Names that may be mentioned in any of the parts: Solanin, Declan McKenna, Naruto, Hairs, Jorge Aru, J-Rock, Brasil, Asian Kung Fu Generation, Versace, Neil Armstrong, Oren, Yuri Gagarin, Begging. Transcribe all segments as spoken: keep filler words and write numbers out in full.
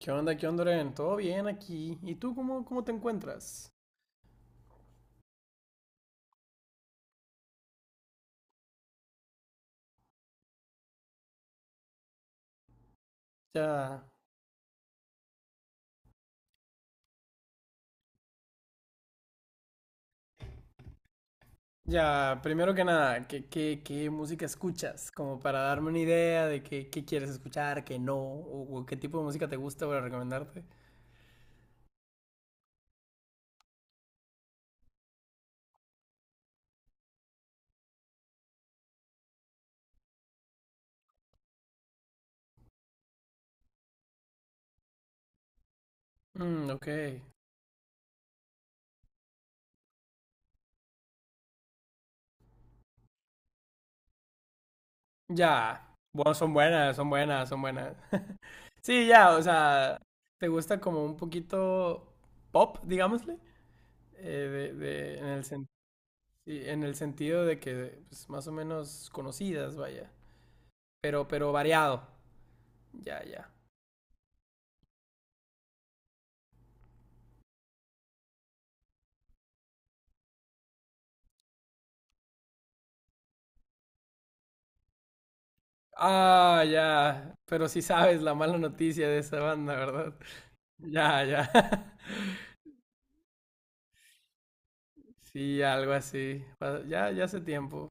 ¿Qué onda, qué onda, Oren? ¿Todo bien aquí? ¿Y tú cómo, cómo te encuentras? Ya, ya, primero que nada, ¿qué, qué, qué música escuchas? Como para darme una idea de qué, qué quieres escuchar, qué no, o, o qué tipo de música te gusta para recomendarte. Mm, ok. Ya. Bueno, son buenas, son buenas, son buenas. Sí, ya, o sea, ¿te gusta como un poquito pop, digámosle? Eh, de, de- en el sen- sí, en el sentido de que, pues, más o menos conocidas, vaya. pero, pero variado. Ya, ya. Ah, ya. Pero sí sabes la mala noticia de esa banda, ¿verdad? Ya, ya. Sí, algo así. Pa- Ya, ya hace tiempo.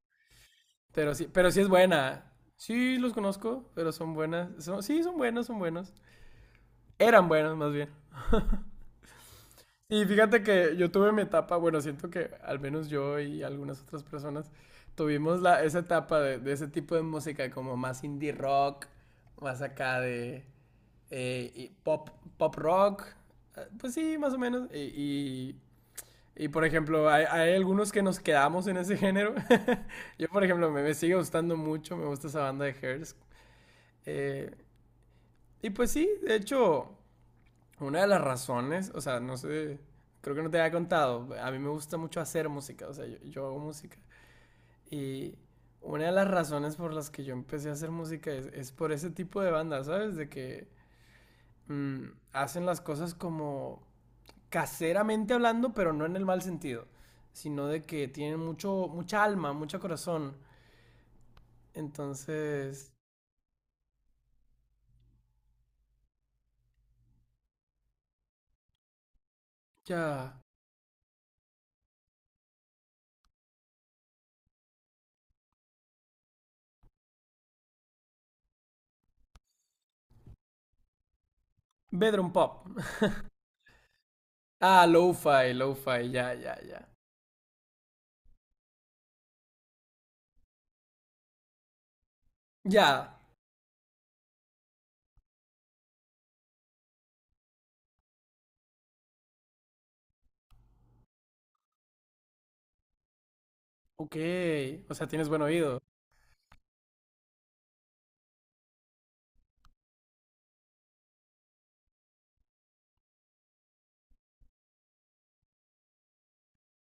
Pero sí, pero sí es buena. Sí, los conozco, pero son buenas. Son, sí, son buenos, son buenos. Eran buenos, más bien. Y fíjate que yo tuve mi etapa, bueno, siento que al menos yo y algunas otras personas tuvimos la, esa etapa de, de ese tipo de música como más indie rock, más acá de, eh, y pop, pop rock, eh, pues sí, más o menos. Y, y, y, por ejemplo, hay, hay algunos que nos quedamos en ese género. Yo, por ejemplo, me, me sigue gustando mucho, me gusta esa banda de Hairs. Eh, y pues sí, de hecho, una de las razones, o sea, no sé, creo que no te había contado, a mí me gusta mucho hacer música, o sea, yo, yo hago música. Y una de las razones por las que yo empecé a hacer música es, es por ese tipo de bandas, ¿sabes? De que mm, hacen las cosas como caseramente hablando, pero no en el mal sentido, sino de que tienen mucho, mucha alma, mucho corazón. Entonces, ya. Bedroom pop. Ah, lo-fi, lo-fi, ya, ya, ya. Ya. Ok. O sea, tienes buen oído.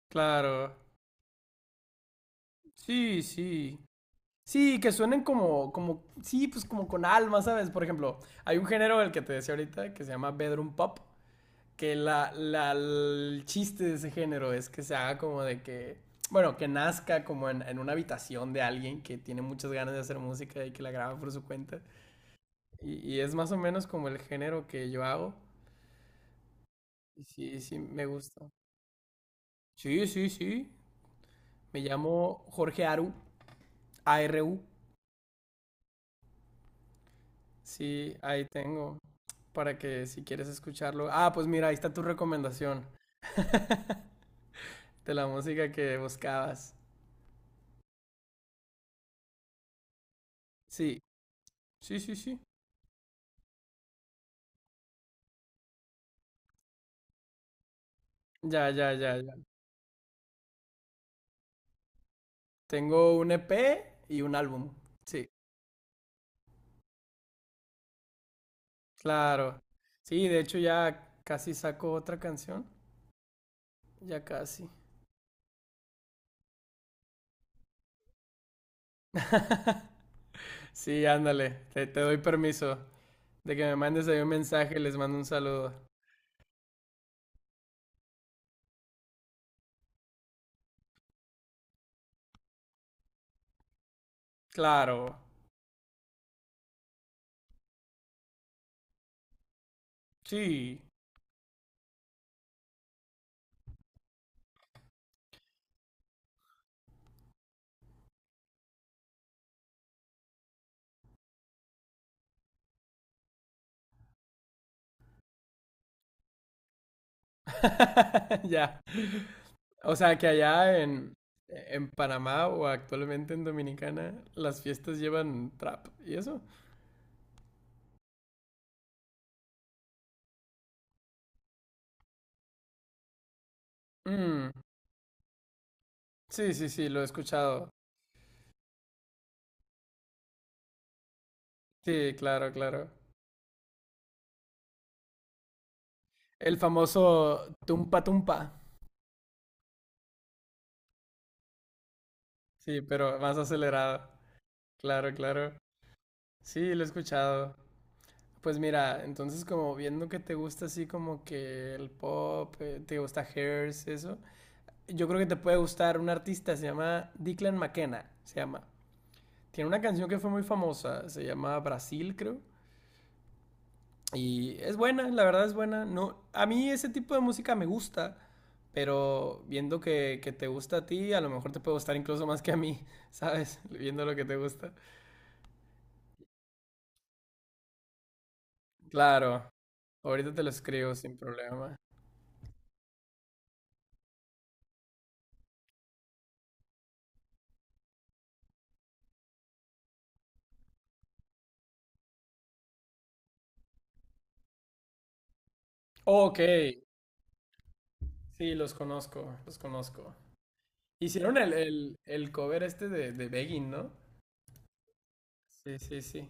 Claro. Sí, sí. Sí, que suenen como, como, sí, pues como con alma, ¿sabes? Por ejemplo, hay un género el que te decía ahorita que se llama bedroom pop, que la, la- el chiste de ese género es que se haga como de que, bueno, que nazca como en, en una habitación de alguien que tiene muchas ganas de hacer música y que la graba por su cuenta. Y, y es más o menos como el género que yo hago. Y sí, sí, me gusta. Sí, sí, sí. Me llamo Jorge Aru, A R U. Sí, ahí tengo, para que si quieres escucharlo. Ah, pues mira, ahí está tu recomendación de la música que buscabas. Sí, sí, sí, sí. Ya, ya, ya, ya. Tengo un E P y un álbum. Sí, claro. Sí, de hecho ya casi saco otra canción. Ya casi. Sí, ándale. Te, te doy permiso de que me mandes ahí un mensaje y les mando un saludo. Claro. Sí. Ya. O sea, que allá en, en Panamá o actualmente en Dominicana, las fiestas llevan trap. ¿Y eso? Mm, sí, sí, sí, lo he escuchado. Sí, claro, claro. El famoso tumpa tumpa. Sí, pero más acelerado. Claro, claro. Sí, lo he escuchado. Pues mira, entonces como viendo que te gusta así como que el pop, eh, te gusta Hairs, eso, yo creo que te puede gustar un artista, se llama Declan McKenna, se llama. Tiene una canción que fue muy famosa, se llama Brasil, creo. Y es buena, la verdad es buena. No, a mí ese tipo de música me gusta. Pero viendo que, que te gusta a ti, a lo mejor te puede gustar incluso más que a mí, ¿sabes? Viendo lo que te gusta. Claro, ahorita te lo escribo sin problema. Ok, sí, los conozco, los conozco. Hicieron el, el, el cover este de, de Begging, ¿no? Sí, sí, sí.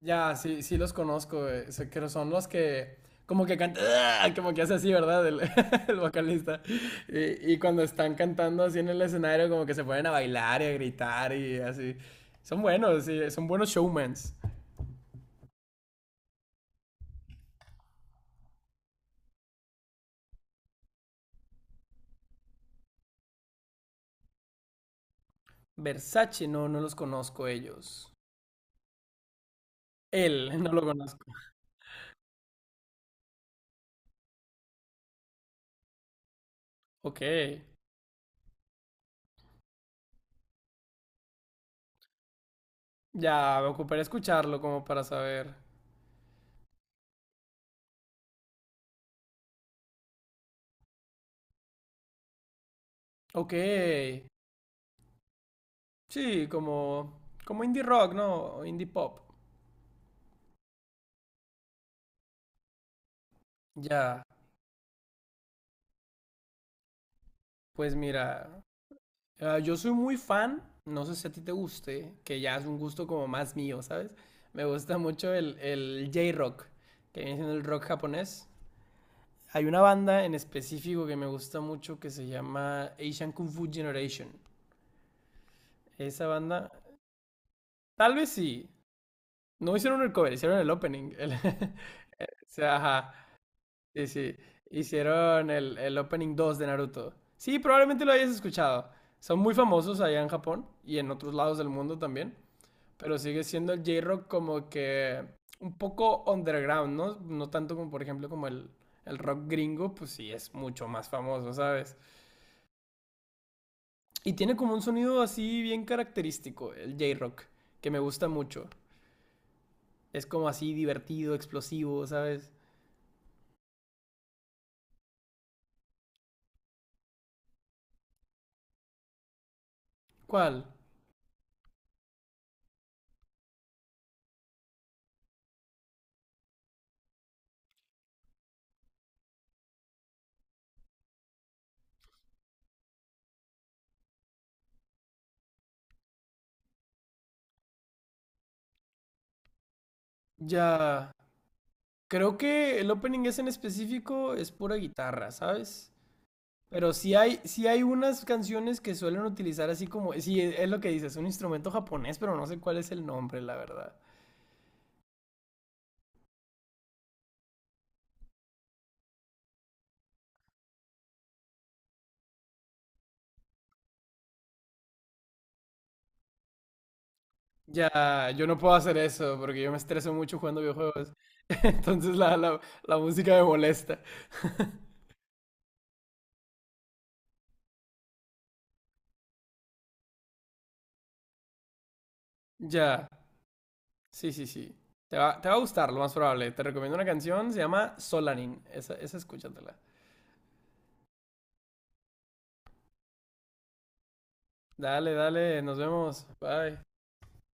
Ya, sí, sí los conozco, eh, sé que son los que como que cantan, como que hace así, ¿verdad? El, el vocalista. Y, y cuando están cantando así en el escenario, como que se ponen a bailar y a gritar y así. Son buenos, sí, son buenos showmans. Versace, no, no los conozco ellos. Él, no lo conozco. Ok, ya, me ocuparé escucharlo como para saber. Ok, sí, como, como indie rock, ¿no? O Indie pop. Ya, pues mira, ah, yo soy muy fan, no sé si a ti te guste, que ya es un gusto como más mío, ¿sabes? Me gusta mucho el, el J-Rock, que viene siendo el rock japonés. Hay una banda en específico que me gusta mucho que se llama Asian Kung Fu Generation. Esa banda, tal vez sí, no hicieron el cover, hicieron el opening. El- o sea, ajá, sí, sí. Hicieron el, el opening dos de Naruto. Sí, probablemente lo hayas escuchado. Son muy famosos allá en Japón y en otros lados del mundo también. Pero sigue siendo el J-Rock como que un poco underground, ¿no? No tanto como, por ejemplo, como el, el rock gringo, pues sí es mucho más famoso, ¿sabes? Y tiene como un sonido así bien característico, el J-Rock, que me gusta mucho. Es como así divertido, explosivo, ¿sabes? ¿Cuál? Ya. Creo que el opening es en específico es pura guitarra, ¿sabes? Pero sí hay, sí hay unas canciones que suelen utilizar así como, sí, es lo que dices, un instrumento japonés, pero no sé cuál es el nombre, la verdad. Ya, yo no puedo hacer eso porque yo me estreso mucho jugando videojuegos. Entonces la, la, la música me molesta. Ya, sí, sí, sí. Te va, te va a gustar, lo más probable. Te recomiendo una canción, se llama Solanin. Esa, esa escúchatela. Dale, dale, nos vemos. Bye.